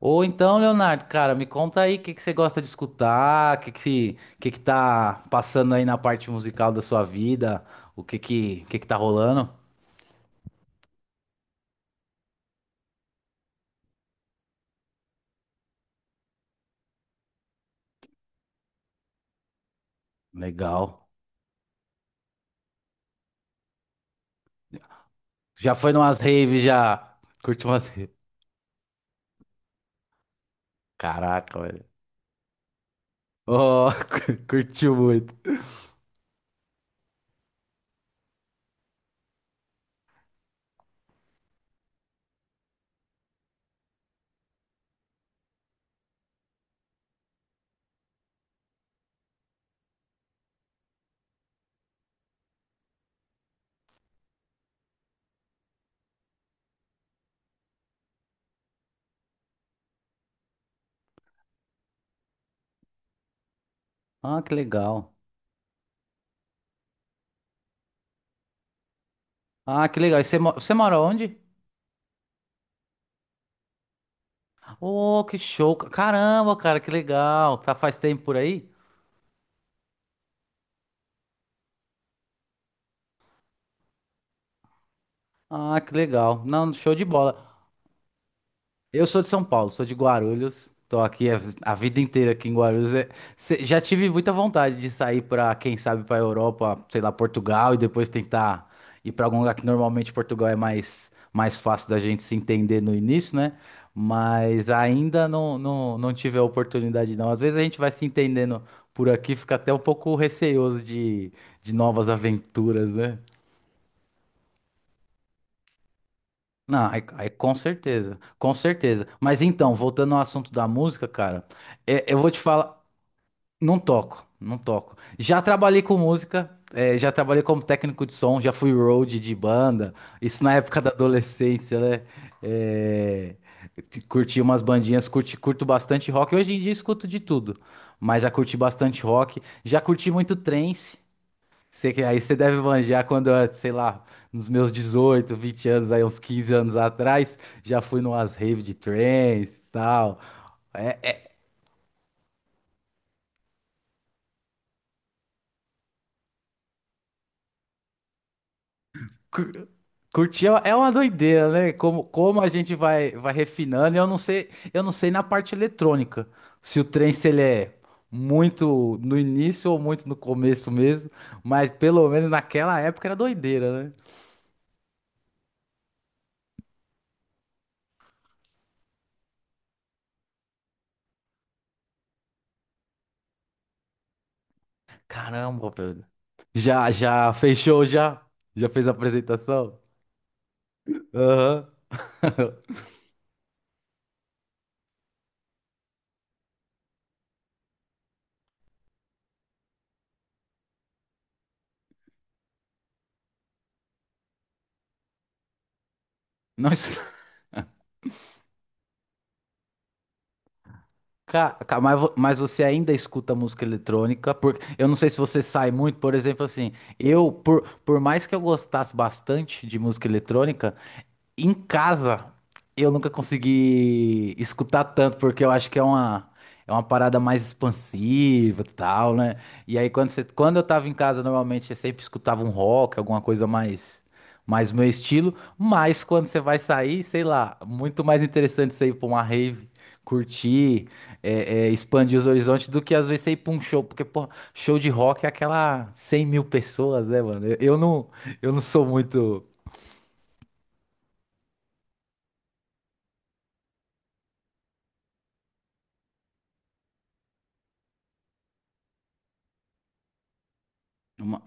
Ou então, Leonardo, cara, me conta aí o que você gosta de escutar, que tá passando aí na parte musical da sua vida, que tá rolando? Legal. Já foi numas raves, já. Curtiu umas raves. Caraca, velho. Oh, curtiu muito. Ah, que legal. Ah, que legal. E você, você mora onde? Oh, que show. Caramba, cara, que legal. Tá faz tempo por aí? Ah, que legal. Não, show de bola. Eu sou de São Paulo, sou de Guarulhos. Tô aqui a vida inteira aqui em Guarulhos. É, já tive muita vontade de sair para, quem sabe, para Europa, sei lá, Portugal e depois tentar ir para algum lugar que normalmente Portugal é mais mais fácil da gente se entender no início, né? Mas ainda não, não tive a oportunidade, não. Às vezes a gente vai se entendendo por aqui, fica até um pouco receoso de, novas aventuras, né? Não, aí com certeza, com certeza. Mas então, voltando ao assunto da música, cara, é, eu vou te falar, não toco, não toco. Já trabalhei com música, é, já trabalhei como técnico de som, já fui road de banda, isso na época da adolescência, né? É, curti umas bandinhas, curto bastante rock. Hoje em dia escuto de tudo, mas já curti bastante rock, já curti muito trance. Você aí você deve manjar quando, eu, sei lá, nos meus 18, 20 anos, aí uns 15 anos atrás, já fui numas rave de trance e tal. É, é, cur- curtir é uma doideira, né? Como a gente vai refinando, e eu não sei na parte eletrônica, se o trance ele é muito no início ou muito no começo mesmo, mas pelo menos naquela época era doideira, né? Caramba, Pedro. Já fechou, já? Já fez a apresentação? Aham. Não. Mas você ainda escuta música eletrônica, porque eu não sei se você sai muito, por exemplo, assim, eu, por mais que eu gostasse bastante de música eletrônica, em casa eu nunca consegui escutar tanto, porque eu acho que é uma, parada mais expansiva e tal, né? E aí quando eu tava em casa, normalmente eu sempre escutava um rock, alguma coisa mais o meu estilo. Mas quando você vai sair, sei lá, muito mais interessante você ir pra uma rave, curtir, expandir os horizontes do que às vezes você ir pra um show, porque, pô, show de rock é aquela 100 mil pessoas, né, mano? Eu não sou muito. uma-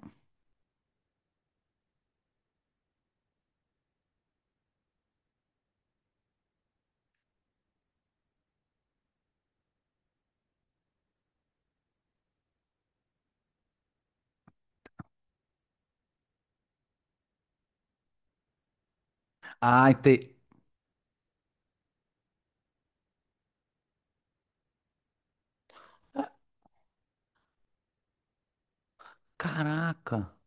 Ah, entendi. Caraca,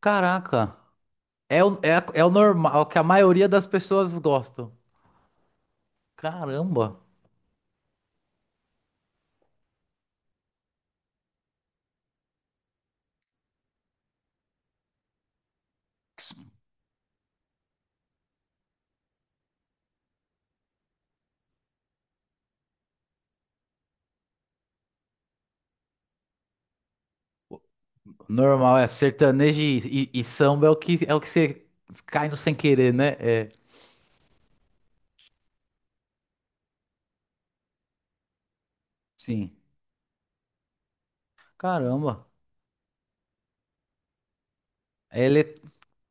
caraca. É o, é o normal, é o que a maioria das pessoas gostam. Caramba. Normal, é sertanejo e samba é o que você cai no sem querer, né? É. Sim. Caramba. Ele...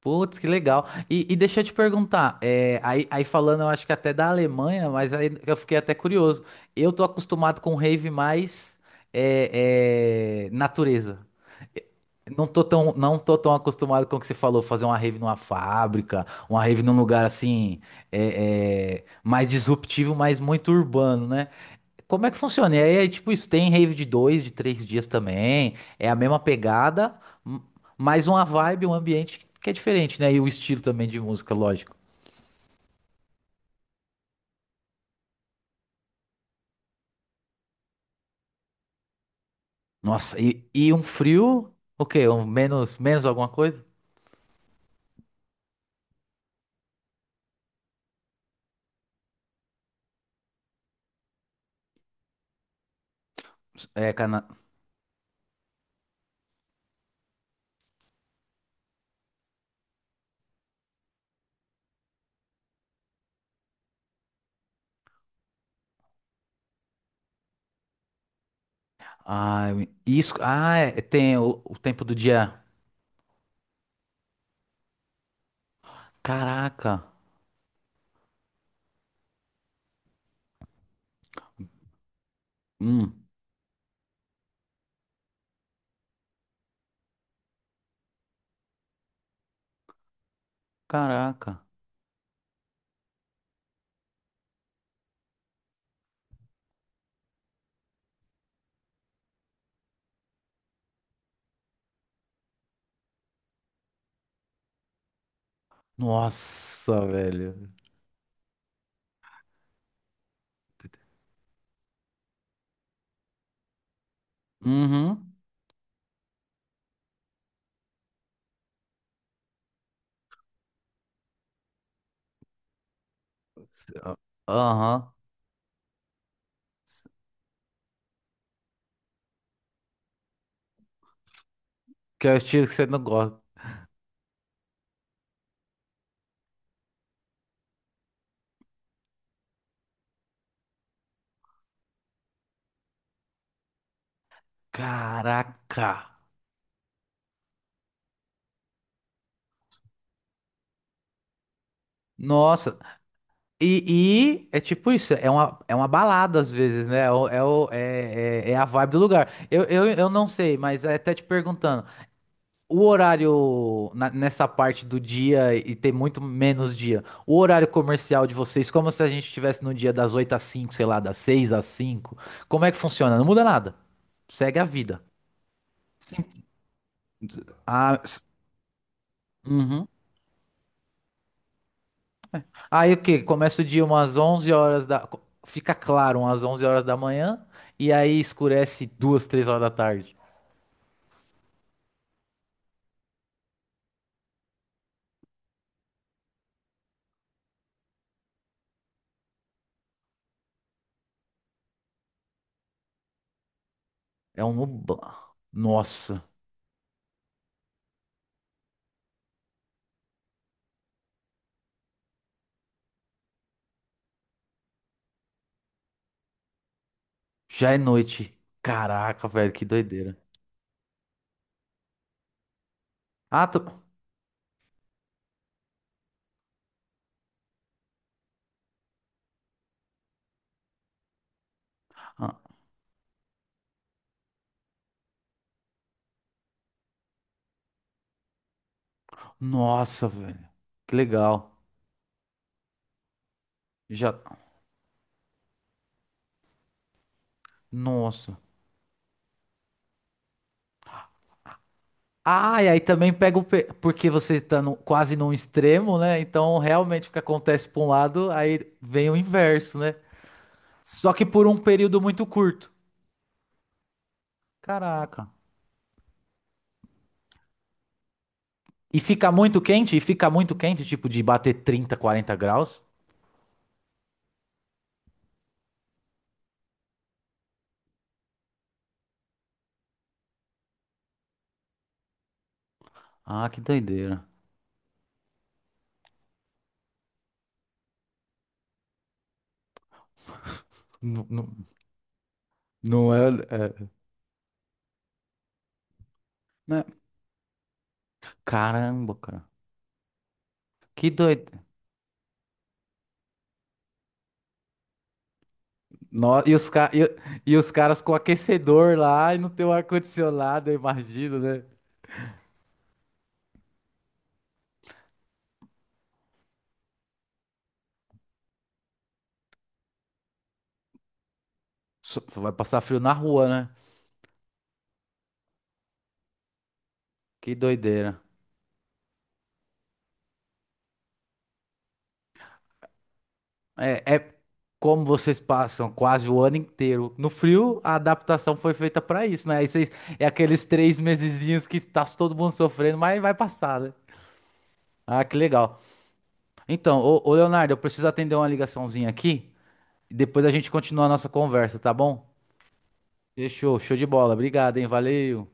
Putz, que legal. E deixa eu te perguntar, é, aí falando, eu acho que até da Alemanha, mas aí eu fiquei até curioso. Eu tô acostumado com rave mais natureza. Não tô tão acostumado com o que você falou, fazer uma rave numa fábrica, uma rave num lugar assim, mais disruptivo, mas muito urbano, né? Como é que funciona? E aí, é tipo, isso tem rave de 2, de 3 dias também. É a mesma pegada, m- mas uma vibe, um ambiente que é diferente, né? E o estilo também de música, lógico. Nossa, e um frio? O quê? Um menos, alguma coisa? É, ah, isso. Ah, é, tem o tempo do dia. Caraca. Hum, caraca. Nossa, velho. Uhum. Aham. Que é o estilo que você não gosta. Caraca. Nossa, e é tipo isso, é uma, balada às vezes, né? É, é a vibe do lugar. Eu não sei, mas é até te perguntando, o horário nessa parte do dia e ter muito menos dia, o horário comercial de vocês, como se a gente estivesse no dia das 8 às 5, sei lá, das 6 às 5, como é que funciona? Não muda nada, segue a vida. Sim. Ah, uhum. Aí o quê? Começa o dia umas 11 horas Fica claro umas 11 horas da manhã. E aí escurece 2, 3 horas da tarde. É um nubla. Nossa, já é noite. Caraca, velho, que doideira. Ah, ah, nossa, velho. Que legal. Já. Nossa. Ah, e aí também porque você quase num extremo, né? Então realmente o que acontece pra um lado, aí vem o inverso, né? Só que por um período muito curto. Caraca. E fica muito quente? E fica muito quente, tipo de bater 30, 40 graus? Ah, que doideira. Não, não, não é, é- né? Caramba, cara. Que doido. No- e, os ca- e- e os caras com aquecedor lá e não tem o ar-condicionado, eu imagino, né? Vai passar frio na rua, né? Que doideira. É, é como vocês passam quase o ano inteiro no frio, a adaptação foi feita pra isso, né? Aí vocês, é aqueles três mesezinhos que tá todo mundo sofrendo, mas vai passar, né? Ah, que legal. Então, ô Leonardo, eu preciso atender uma ligaçãozinha aqui e depois a gente continua a nossa conversa, tá bom? Fechou, show de bola. Obrigado, hein? Valeu.